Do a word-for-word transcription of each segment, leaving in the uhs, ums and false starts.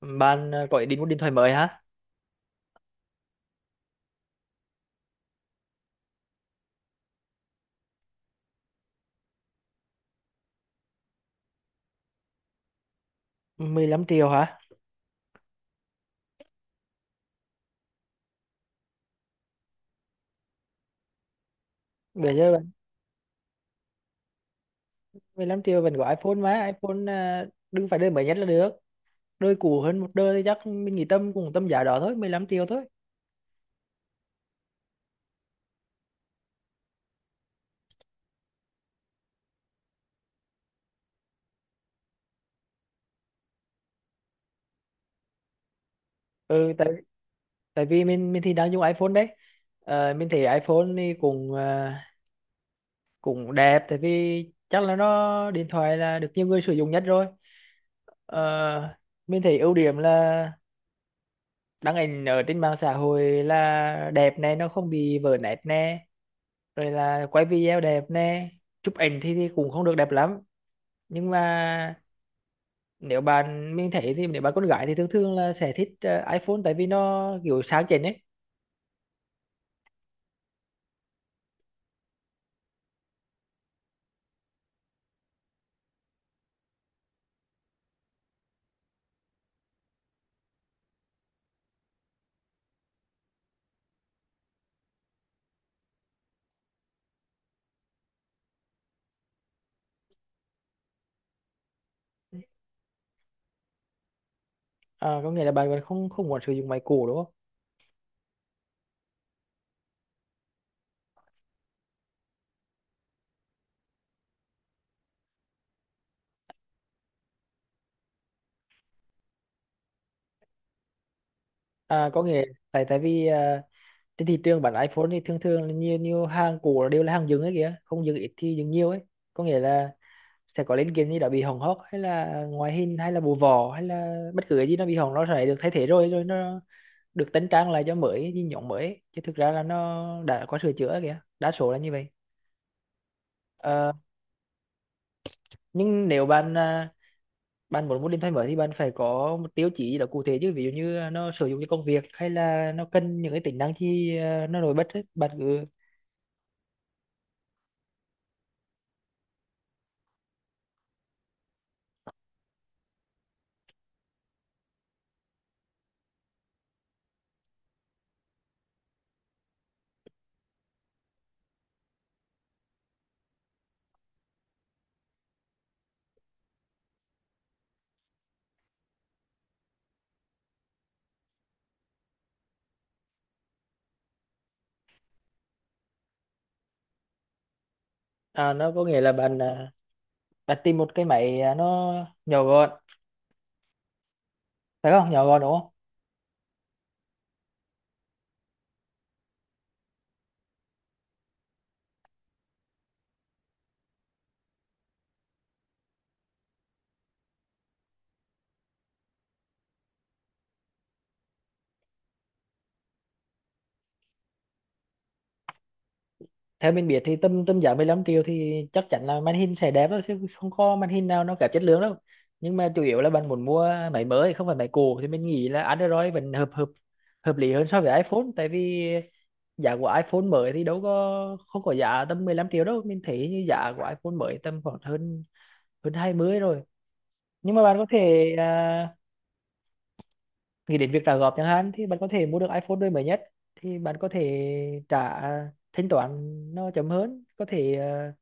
Bạn ờ, có ý định mua điện thoại mới hả? mười lăm triệu hả? Bây giờ bạn. mười lăm triệu vẫn có iPhone mà, iPhone ờ, đừng phải đời mới nhất là được. Đời cũ hơn một đời thì chắc mình nghĩ tầm cùng tầm giá đó thôi, mười lăm triệu thôi. Ừ, tại tại vì mình mình thì đang dùng iPhone đấy. Ờ, mình thấy iPhone thì cũng ờ, cũng đẹp, tại vì chắc là nó điện thoại là được nhiều người sử dụng nhất rồi. Ờ, mình thấy ưu điểm là đăng ảnh ở trên mạng xã hội là đẹp này, nó không bị vỡ nét nè, rồi là quay video đẹp nè. Chụp ảnh thì, thì cũng không được đẹp lắm, nhưng mà nếu bạn, mình thấy thì nếu bạn con gái thì thường thường là sẽ thích ờ, iPhone tại vì nó kiểu sáng chảnh ấy. à, có nghĩa là bạn còn không không muốn sử dụng máy cũ đúng không? à, có nghĩa tại tại vì ờ, trên thị trường bản iPhone thì thường thường là nhiều nhiều hàng cũ là đều là hàng dừng ấy kìa, không dừng ít thì dừng nhiều ấy. Có nghĩa là sẽ có linh kiện gì đó bị hỏng hóc hay là ngoại hình hay là bộ vỏ hay là bất cứ cái gì nó bị hỏng, nó sẽ được thay thế, rồi rồi nó được tính trang lại cho mới với nhộn mới, chứ thực ra là nó đã có sửa chữa kìa, đa số là như vậy. Ờ, nhưng nếu bạn à, bạn muốn một điện thoại mới thì bạn phải có một tiêu chí gì đó cụ thể chứ, ví dụ như nó sử dụng cho công việc hay là nó cần những cái tính năng gì à, nó nổi bật ấy. Bạn cứ. à, nó có nghĩa là bạn à, bạn tìm một cái máy, à, nó nhỏ gọn, phải không, nhỏ gọn đúng không? Theo mình biết thì tầm tầm giá mười lăm triệu thì chắc chắn là màn hình sẽ đẹp thôi, chứ không có màn hình nào nó kém chất lượng đâu. Nhưng mà chủ yếu là bạn muốn mua máy mới không phải máy cũ thì mình nghĩ là Android vẫn hợp hợp hợp lý hơn so với iPhone, tại vì giá của iPhone mới thì đâu có, không có giá tầm mười lăm triệu đâu, mình thấy như giá của iPhone mới tầm khoảng hơn hơn hai mươi rồi. Nhưng mà bạn có thể à, nghĩ đến việc trả góp chẳng hạn, thì bạn có thể mua được iPhone đời mới nhất. Thì bạn có thể trả, thanh toán nó chậm hơn, có thể à,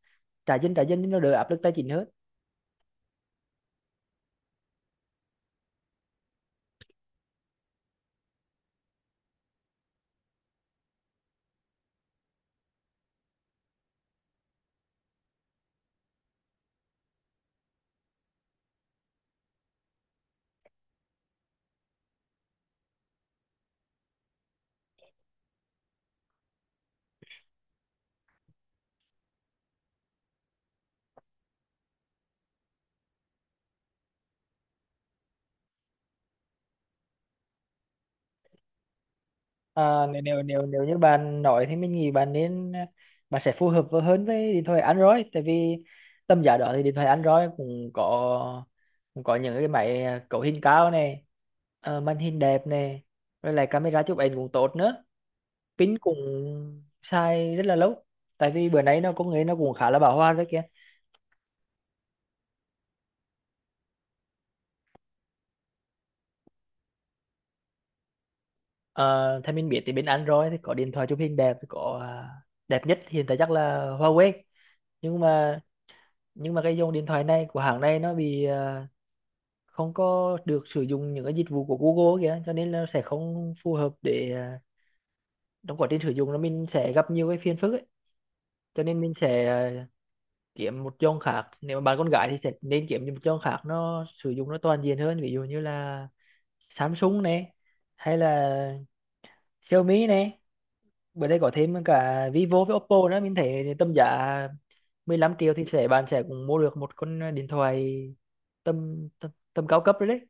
trả dinh trả dinh nó đỡ áp lực tài chính hơn. À, nếu nếu nếu nếu như bạn nói thì mình nghĩ bạn nên à, bạn sẽ phù hợp với- hơn với điện thoại Android, tại vì tầm giá đó thì điện thoại Android cũng có, cũng có những cái máy à, cấu hình cao này, ờ, màn hình đẹp này, rồi lại camera chụp ảnh cũng tốt nữa, pin cũng xài rất là lâu, tại vì bữa nay nó công nghệ nó cũng khá là bão hòa đấy kia. Ờ, theo mình biết thì bên Android thì có điện thoại chụp hình đẹp, có à, đẹp nhất hiện tại chắc là Huawei, nhưng mà nhưng mà cái dòng điện thoại này của hãng này nó bị à, không có được sử dụng những cái dịch vụ của Google kìa, cho nên là sẽ không phù hợp để à, trong quá trình sử dụng nó mình sẽ gặp nhiều cái phiền phức ấy, cho nên mình sẽ à, kiếm một dòng khác. Nếu mà bạn con gái thì sẽ nên kiếm một dòng khác nó sử dụng nó toàn diện hơn, ví dụ như là Samsung này, hay là Xiaomi này, bữa đây có thêm cả Vivo với Oppo nữa, mình thấy tầm giá mười lăm triệu thì sẽ, bạn sẽ cũng mua được một con điện thoại tầm tầm, tầm cao cấp rồi đấy.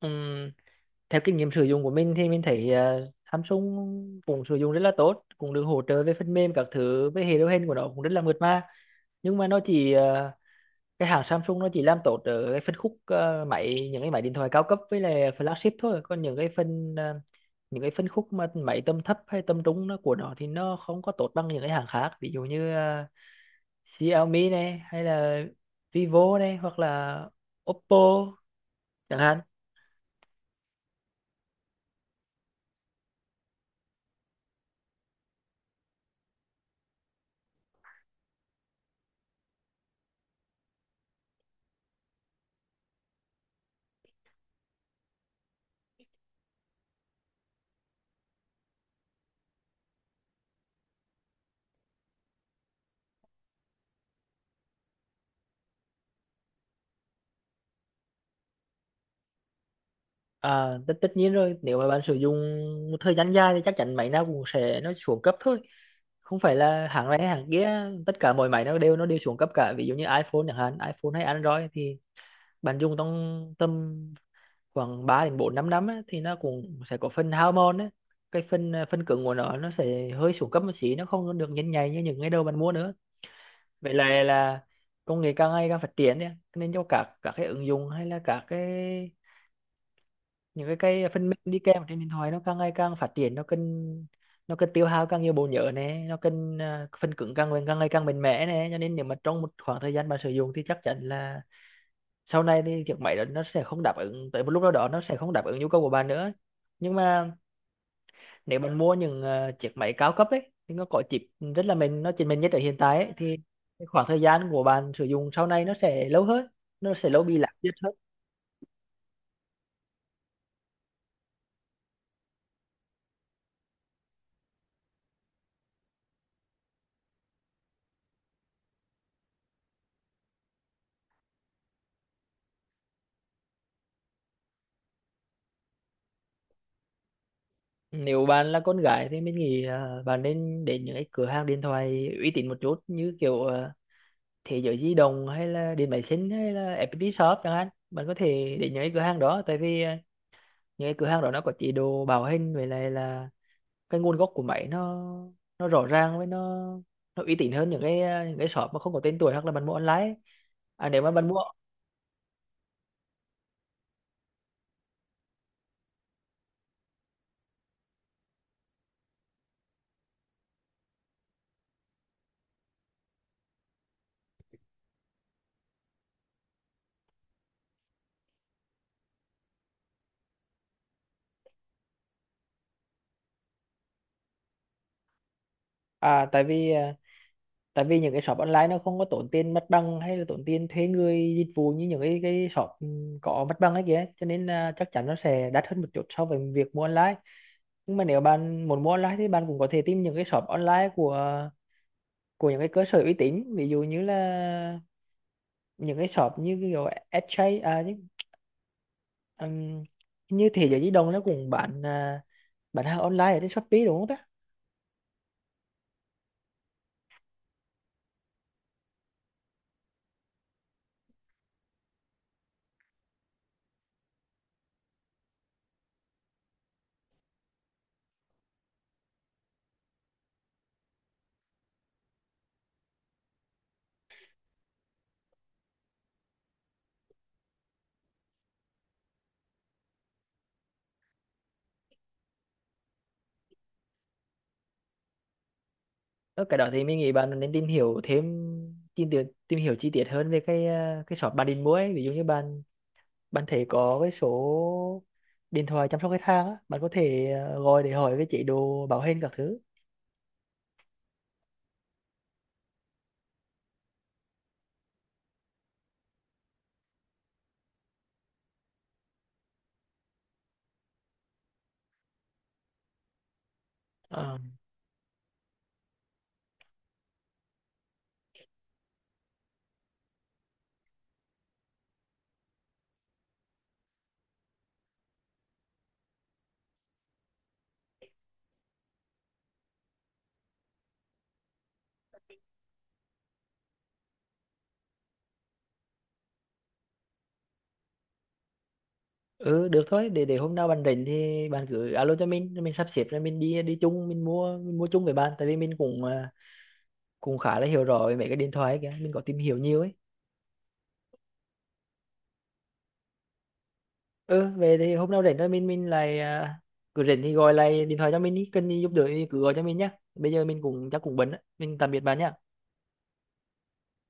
Ừm, theo kinh nghiệm sử dụng của mình thì mình thấy ờ, Samsung cũng sử dụng rất là tốt, cũng được hỗ trợ về phần mềm các thứ, với hệ điều hành của nó cũng rất là mượt mà. Nhưng mà nó chỉ à, cái hãng Samsung nó chỉ làm tốt ở cái phân khúc, ờ, máy những cái máy điện thoại cao cấp với lại flagship thôi, còn những cái phân ờ, những cái phân khúc mà máy tầm thấp hay tầm trung nó của nó thì nó không có tốt bằng những cái hãng khác, ví dụ như ờ, Xiaomi này, hay là Vivo này, hoặc là Oppo chẳng hạn. À, tất, tất nhiên rồi, nếu mà bạn sử dụng một thời gian dài thì chắc chắn máy nào cũng sẽ nó xuống cấp thôi, không phải là hãng này hay hãng kia, tất cả mọi máy nó đều nó đều xuống cấp cả, ví dụ như iPhone chẳng hạn, iPhone hay Android thì bạn dùng trong tầm khoảng ba đến bốn năm năm á, thì nó cũng sẽ có phần hao mòn á. cái phần ờ, phần cứng của nó nó sẽ hơi xuống cấp một xí, nó không được nhanh nhạy như những ngày đầu bạn mua nữa. Vậy là là công nghệ càng ngày càng phát triển đấy, nên cho các các cái ứng dụng hay là các cái, những cái cái phần mềm đi kèm trên điện thoại, nó càng ngày càng phát triển, nó cần nó cần tiêu hao càng nhiều bộ nhớ này, nó cần à, phần cứng càng ngày càng ngày càng mạnh mẽ này, cho nên nếu mà trong một khoảng thời gian bạn sử dụng thì chắc chắn là sau này thì chiếc máy đó nó sẽ không đáp ứng, tới một lúc nào đó nó sẽ không đáp ứng nhu cầu của bạn nữa. Nhưng mà nếu bạn mua những ờ, chiếc máy cao cấp ấy thì nó có chip rất là mềm, nó chỉ mềm nhất ở hiện tại ấy, thì cái khoảng thời gian của bạn sử dụng sau này nó sẽ lâu hơn, nó sẽ lâu bị lạc nhất hơn. Nếu bạn là con gái thì mình nghĩ ờ, bạn nên đến những cái cửa hàng điện thoại uy tín một chút, như kiểu ờ, Thế giới di động hay là điện máy xanh hay là ép pê tê Shop chẳng hạn, bạn có thể đến những cái cửa hàng đó, tại vì ờ, những cái cửa hàng đó nó có chế độ bảo hành với lại là cái nguồn gốc của máy, nó nó rõ ràng, với nó nó uy tín hơn những cái những cái shop mà không có tên tuổi, hoặc là bạn mua online ấy. à nếu mà bạn mua. À tại vì à, tại vì những cái shop online nó không có tốn tiền mặt bằng hay là tốn tiền thuê người dịch vụ như những cái cái shop, ừ, có mặt bằng ấy kìa, cho nên là chắc chắn nó sẽ đắt hơn một chút so với việc mua online. Nhưng mà nếu bạn muốn mua online thì bạn cũng có thể tìm những cái shop online của, của những cái cơ sở uy tín, ví dụ như là những cái shop như kiểu ét gi, à, Ừm, hình như thế giới di động nó cũng bán, à, bán hàng online ở trên Shopee đúng không ta? Ở cái đó thì mình nghĩ bạn nên tìm hiểu thêm, tìm hiểu, tìm hiểu chi tiết hơn về cái, à, cái shop bạn định mua ấy. Ví dụ như bạn, bạn thấy có cái số điện thoại chăm sóc khách hàng á, bạn có thể à, gọi để hỏi về chế độ bảo hành các thứ. Ờ. Ừ được thôi, để để hôm nào bạn rảnh thì bạn cứ alo cho mình, rồi mình sắp xếp rồi mình đi đi chung, mình mua mình mua chung với bạn, tại vì mình cũng à, cũng khá là hiểu rõ về mấy cái điện thoại ấy kìa, mình có tìm hiểu nhiều ấy. Ừ, về thì hôm nào rảnh thôi, mình mình lại à, cứ rảnh thì gọi lại điện thoại cho mình đi, cần gì giúp đỡ thì cứ gọi cho mình nhá. Bây giờ mình cũng chắc cũng bận á. Mình tạm biệt bạn nhá.